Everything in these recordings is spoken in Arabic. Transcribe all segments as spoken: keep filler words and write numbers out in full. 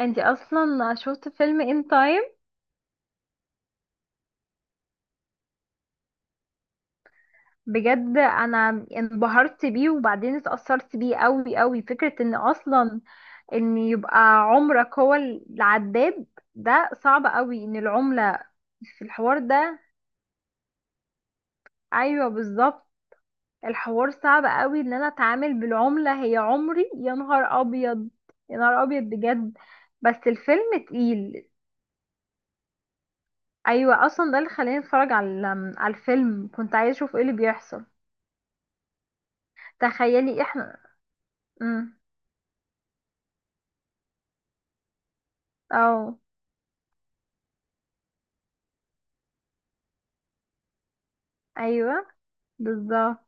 انتي اصلا شفت فيلم ان تايم؟ بجد انا انبهرت بيه وبعدين اتأثرت بيه قوي قوي. فكرة ان اصلا ان يبقى عمرك هو العداد ده صعب قوي. ان العملة في الحوار ده. ايوه بالظبط. الحوار صعب قوي ان انا اتعامل بالعملة هي عمري. يا نهار ابيض. يا نهار ابيض بجد. بس الفيلم تقيل. ايوه اصلا ده اللي خلاني اتفرج على على الفيلم. كنت عايزة اشوف ايه اللي بيحصل. تخيلي احنا. مم. اه. ايوه بالظبط.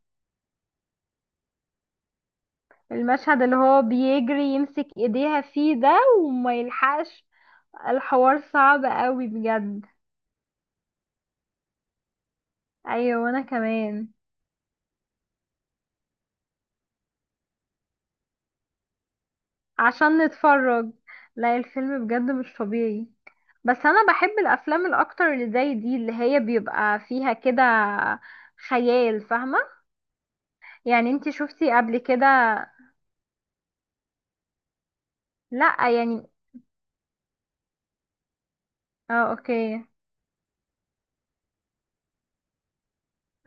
المشهد اللي هو بيجري يمسك ايديها فيه ده وما يلحقش. الحوار صعب قوي بجد. ايوه وانا كمان. عشان نتفرج. لا الفيلم بجد مش طبيعي. بس انا بحب الافلام الاكتر اللي زي دي اللي هي بيبقى فيها كده خيال، فاهمة؟ يعني انتي شفتي قبل كده؟ لا يعني. اه اوكي.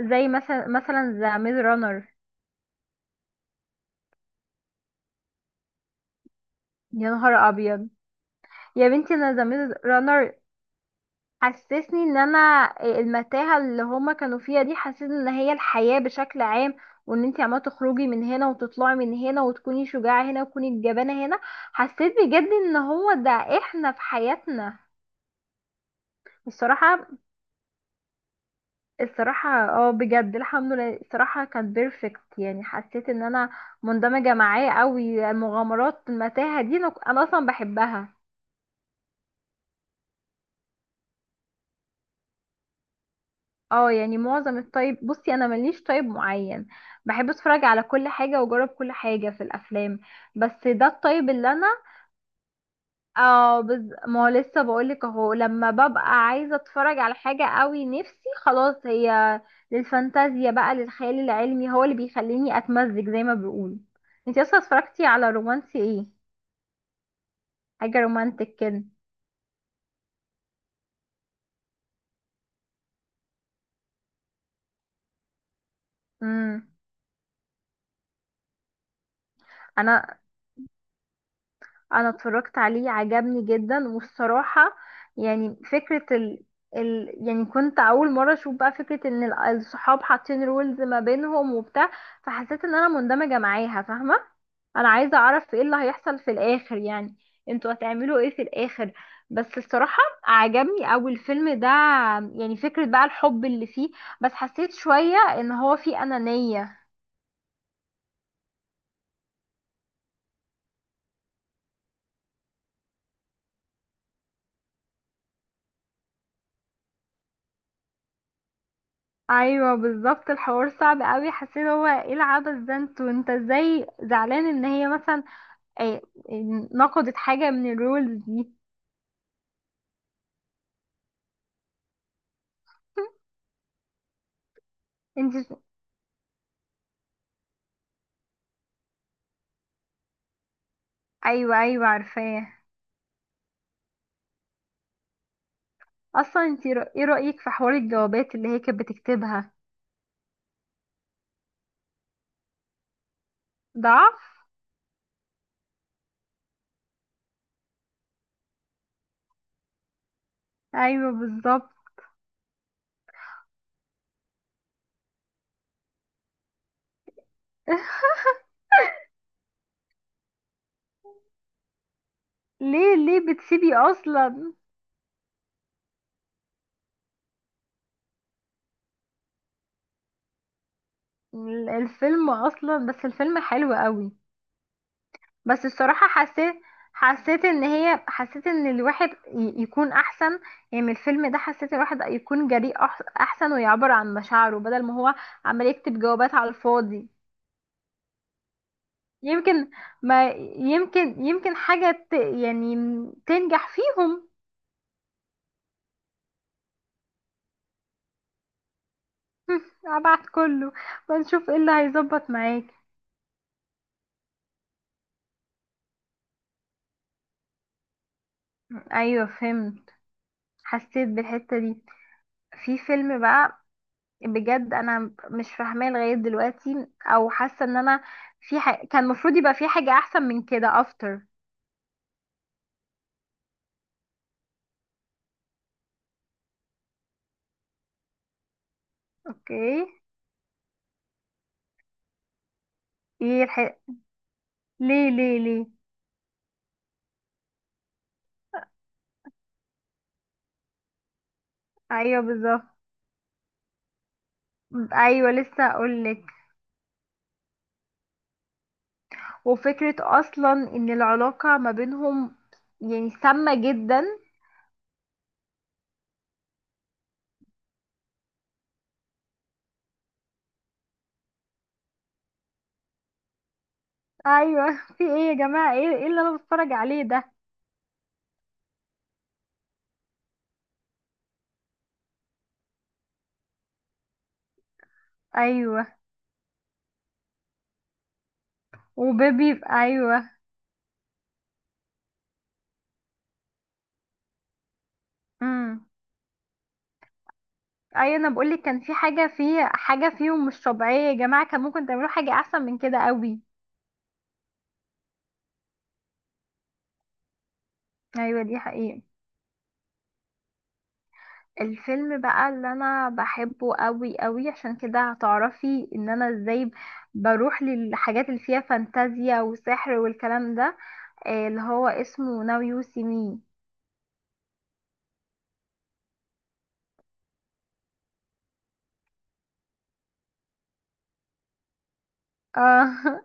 زي مثلا مثلا ذا ميز رانر. يا نهار ابيض. يا بنتي انا زميل رانر حسسني ان انا. آه، المتاهه اللي هما كانوا فيها دي حسسني ان هي الحياه بشكل عام. وان انتي عماله تخرجي من هنا وتطلعي من هنا وتكوني شجاعه هنا وتكوني الجبانه هنا. حسيت بجد ان هو ده احنا في حياتنا. الصراحه. الصراحه، اه بجد الحمد لله، الصراحه كان بيرفكت. يعني حسيت ان انا مندمجه معاه قوي. المغامرات المتاهه دي انا أنا اصلا بحبها. اه يعني معظم الطيب. بصي انا ماليش طيب معين. بحب اتفرج على كل حاجه واجرب كل حاجه في الافلام. بس ده الطيب اللي انا. اه بز... ما هو لسه بقولك اهو. لما ببقى عايزه اتفرج على حاجه قوي نفسي، خلاص هي للفانتازيا بقى، للخيال العلمي هو اللي بيخليني اتمزج زي ما بيقولوا. انتي اصلا اتفرجتي على رومانسي ايه؟ حاجه رومانتك كده. امم. انا انا اتفرجت عليه عجبني جدا والصراحة. يعني فكرة ال... ال... يعني كنت اول مرة اشوف بقى فكرة ان ال- الصحاب حاطين رولز ما بينهم وبتاع. فحسيت ان انا مندمجة معاها، فاهمة؟ انا عايزة اعرف ايه اللي هيحصل في الاخر يعني. انتوا هتعملوا ايه في الاخر؟ بس الصراحة عجبني اوي الفيلم ده. يعني فكرة بقى الحب اللي فيه، بس حسيت شوية ان هو فيه انانية. ايوه بالظبط. الحوار صعب قوي، حسيت هو ايه العبث ده. انتوا انت ازاي زعلان ان هي مثلا ايه نقضت حاجه من الرولز دي؟ انت. ايوه ايوه عارفاه. اصلا انت رأ- ايه رايك في حوار الجوابات اللي هي كانت بتكتبها؟ ضعف. ايوه بالظبط. ليه ليه بتسيبي اصلا. ال- الفيلم اصلا. بس الفيلم حلو قوي. بس الصراحة حسيت. حسيت ان هي حسيت ان الواحد ي- يكون احسن. يعني من الفيلم ده حسيت الواحد يكون جريء أح- احسن، ويعبر عن مشاعره بدل ما هو عمال يكتب جوابات على الفاضي. يمكن. ما. يمكن يمكن حاجة ت- يعني تنجح فيهم. ابعت كله. ونشوف ايه اللي هيظبط معاك. ايوه فهمت. حسيت بالحتة دي. في فيلم بقى بجد انا مش فاهماه لغايه دلوقتي، او حاسه ان انا في ح... كان المفروض يبقى في حاجه احسن من كده افتر. اوكي. ايه الح... ليه ليه ليه؟ ايوه بالظبط. ايوه لسه اقولك. وفكره اصلا ان العلاقه ما بينهم يعني سامه جدا. ايوه في ايه يا جماعه؟ ايه ايه اللي انا بتفرج عليه ده؟ ايوه وبيبي، ايوه. امم. ايوه انا بقولك كان في حاجه في حاجه فيهم مش طبيعيه يا جماعه. كان ممكن تعملوا حاجه احسن من كده قوي. ايوه دي حقيقة. الفيلم بقى اللي انا بحبه قوي قوي عشان كده هتعرفي ان انا ازاي بروح للحاجات اللي فيها فانتازيا وسحر والكلام ده. آه، اللي هو اسمه ناو يو سي مي. اه.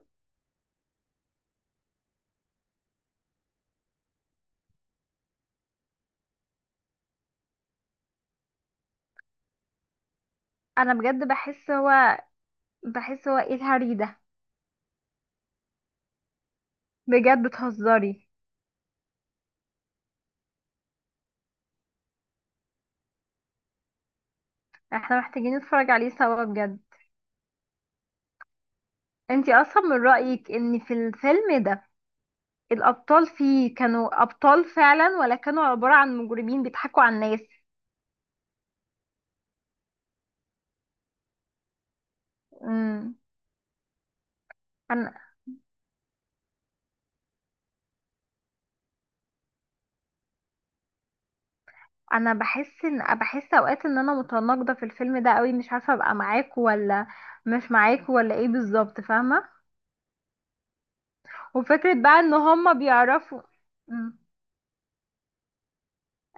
انا بجد بحس هو. بحس هو ايه الهري ده؟ بجد بتهزري. احنا محتاجين نتفرج عليه سوا بجد. انتي اصلا من رأيك ان في الفيلم ده الابطال فيه كانوا ابطال فعلا، ولا كانوا عبارة عن مجرمين بيضحكوا على الناس؟ امم. انا بحس ان بحس اوقات ان انا متناقضه في الفيلم ده قوي. مش عارفه ابقى معاك ولا مش معاك، ولا ايه بالظبط، فاهمه؟ وفكره بقى ان هما بيعرفوا. مم.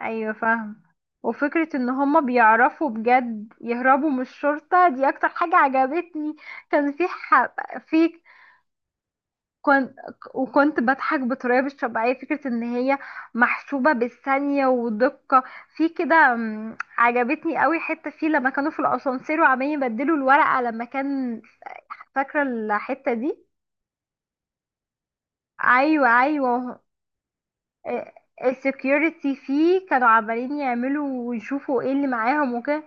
ايوه فاهم. وفكره ان هما بيعرفوا بجد يهربوا من الشرطه دي اكتر حاجه عجبتني. كان في ح... في. كنت. وكنت بضحك بطريقة مش طبيعية، فكرة ان هي محسوبة بالثانية ودقة في كده. أم، عجبتني قوي حتة فيه لما كانوا في الاسانسير وعمالين يبدلوا الورقة لما كان. فاكرة الحتة دي؟ ايوه ايوه. السكيورتي فيه كانوا عمالين يعملوا ويشوفوا ايه اللي معاهم وكده.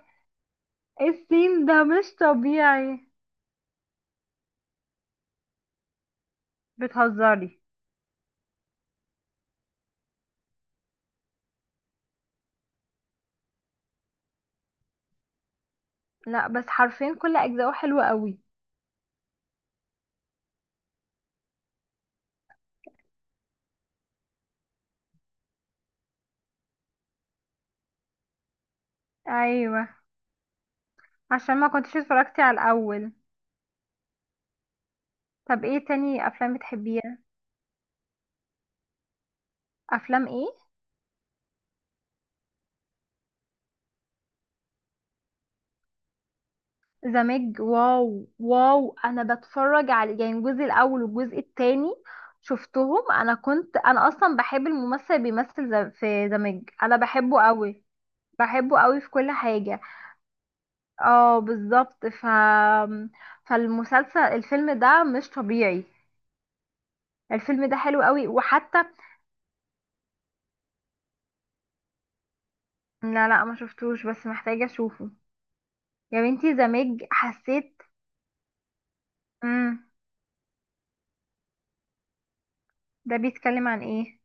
السين ده مش طبيعي. بتهزري؟ لا، بس حرفيا كل اجزائه حلوة قوي. ايوه عشان ما كنتش اتفرجتي على الاول. طب ايه تاني افلام بتحبيها؟ افلام ايه؟ زمج، واو واو، انا بتفرج على يعني الجزء الاول والجزء التاني. شفتهم انا، كنت انا اصلا بحب الممثل اللي بيمثل ز- في زمج، انا بحبه قوي. بحبه قوي في كل حاجة. اه بالظبط. ف فالمسلسل الفيلم ده مش طبيعي. الفيلم ده حلو قوي وحتى. لا لا ما شفتوش بس محتاجة اشوفه. يا بنتي زمج حسيت. امم. ده بيتكلم عن ايه؟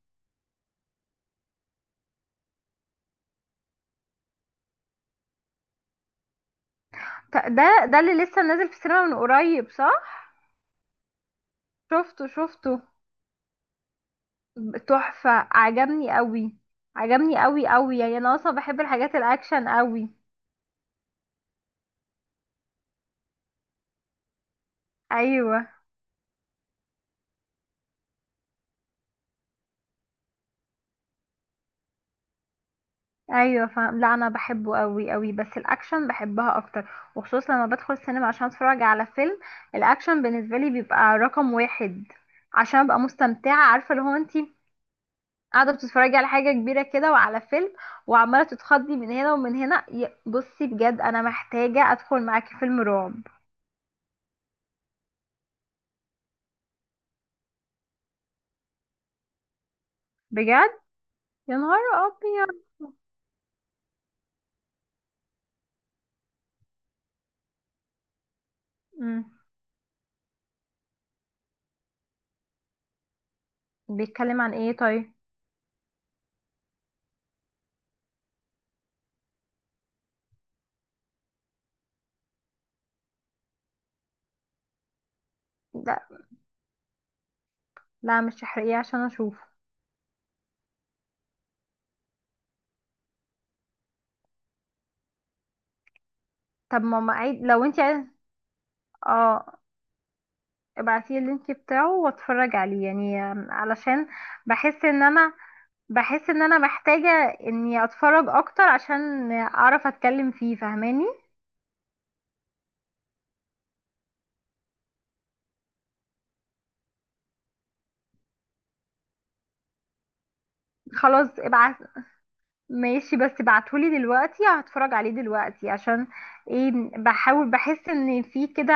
ت- ده ده اللي لسه نازل في السينما من قريب صح؟ شفته شفته. تحفة عجبني قوي. عجبني قوي قوي. يعني انا اصلا بحب الحاجات الاكشن قوي. ايوه ايوه فاهم. لا انا بحبه قوي قوي بس الاكشن بحبها اكتر. وخصوصا لما بدخل السينما عشان اتفرج على فيلم الاكشن بالنسبه لي بيبقى رقم واحد. عشان ابقى مستمتعه، عارفه اللي هو انت قاعدة بتتفرجي على حاجة كبيرة كده وعلى فيلم، وعمالة تتخضي من هنا ومن هنا. ي- بصي بجد أنا محتاجة أدخل معاكي فيلم رعب. بجد. يا نهار أبيض. مم. بيتكلم عن ايه طيب؟ لا لا مش احرقيه عشان اشوفه. طب ماما عيد لو انت عايز. اه. ابعتيلي اللينك بتاعه واتفرج عليه يعني آم، علشان بحس ان انا. بحس ان انا محتاجة اني اتفرج اكتر عشان اعرف اتكلم فيه، فاهماني؟ خلاص ابعت. ماشي بس بعتهولي دلوقتي هتفرج عليه دلوقتي، عشان ايه؟ بحاول بحس ان في كده.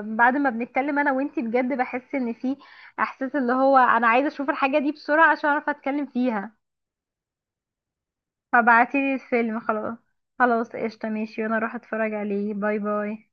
بعد ما بنتكلم انا وانتي بجد بحس ان في احساس اللي هو انا عايزه اشوف الحاجه دي بسرعه عشان اعرف اتكلم فيها. فبعتيلي الفيلم خلاص. خلاص قشطه ماشي، وانا اروح اتفرج عليه. باي باي.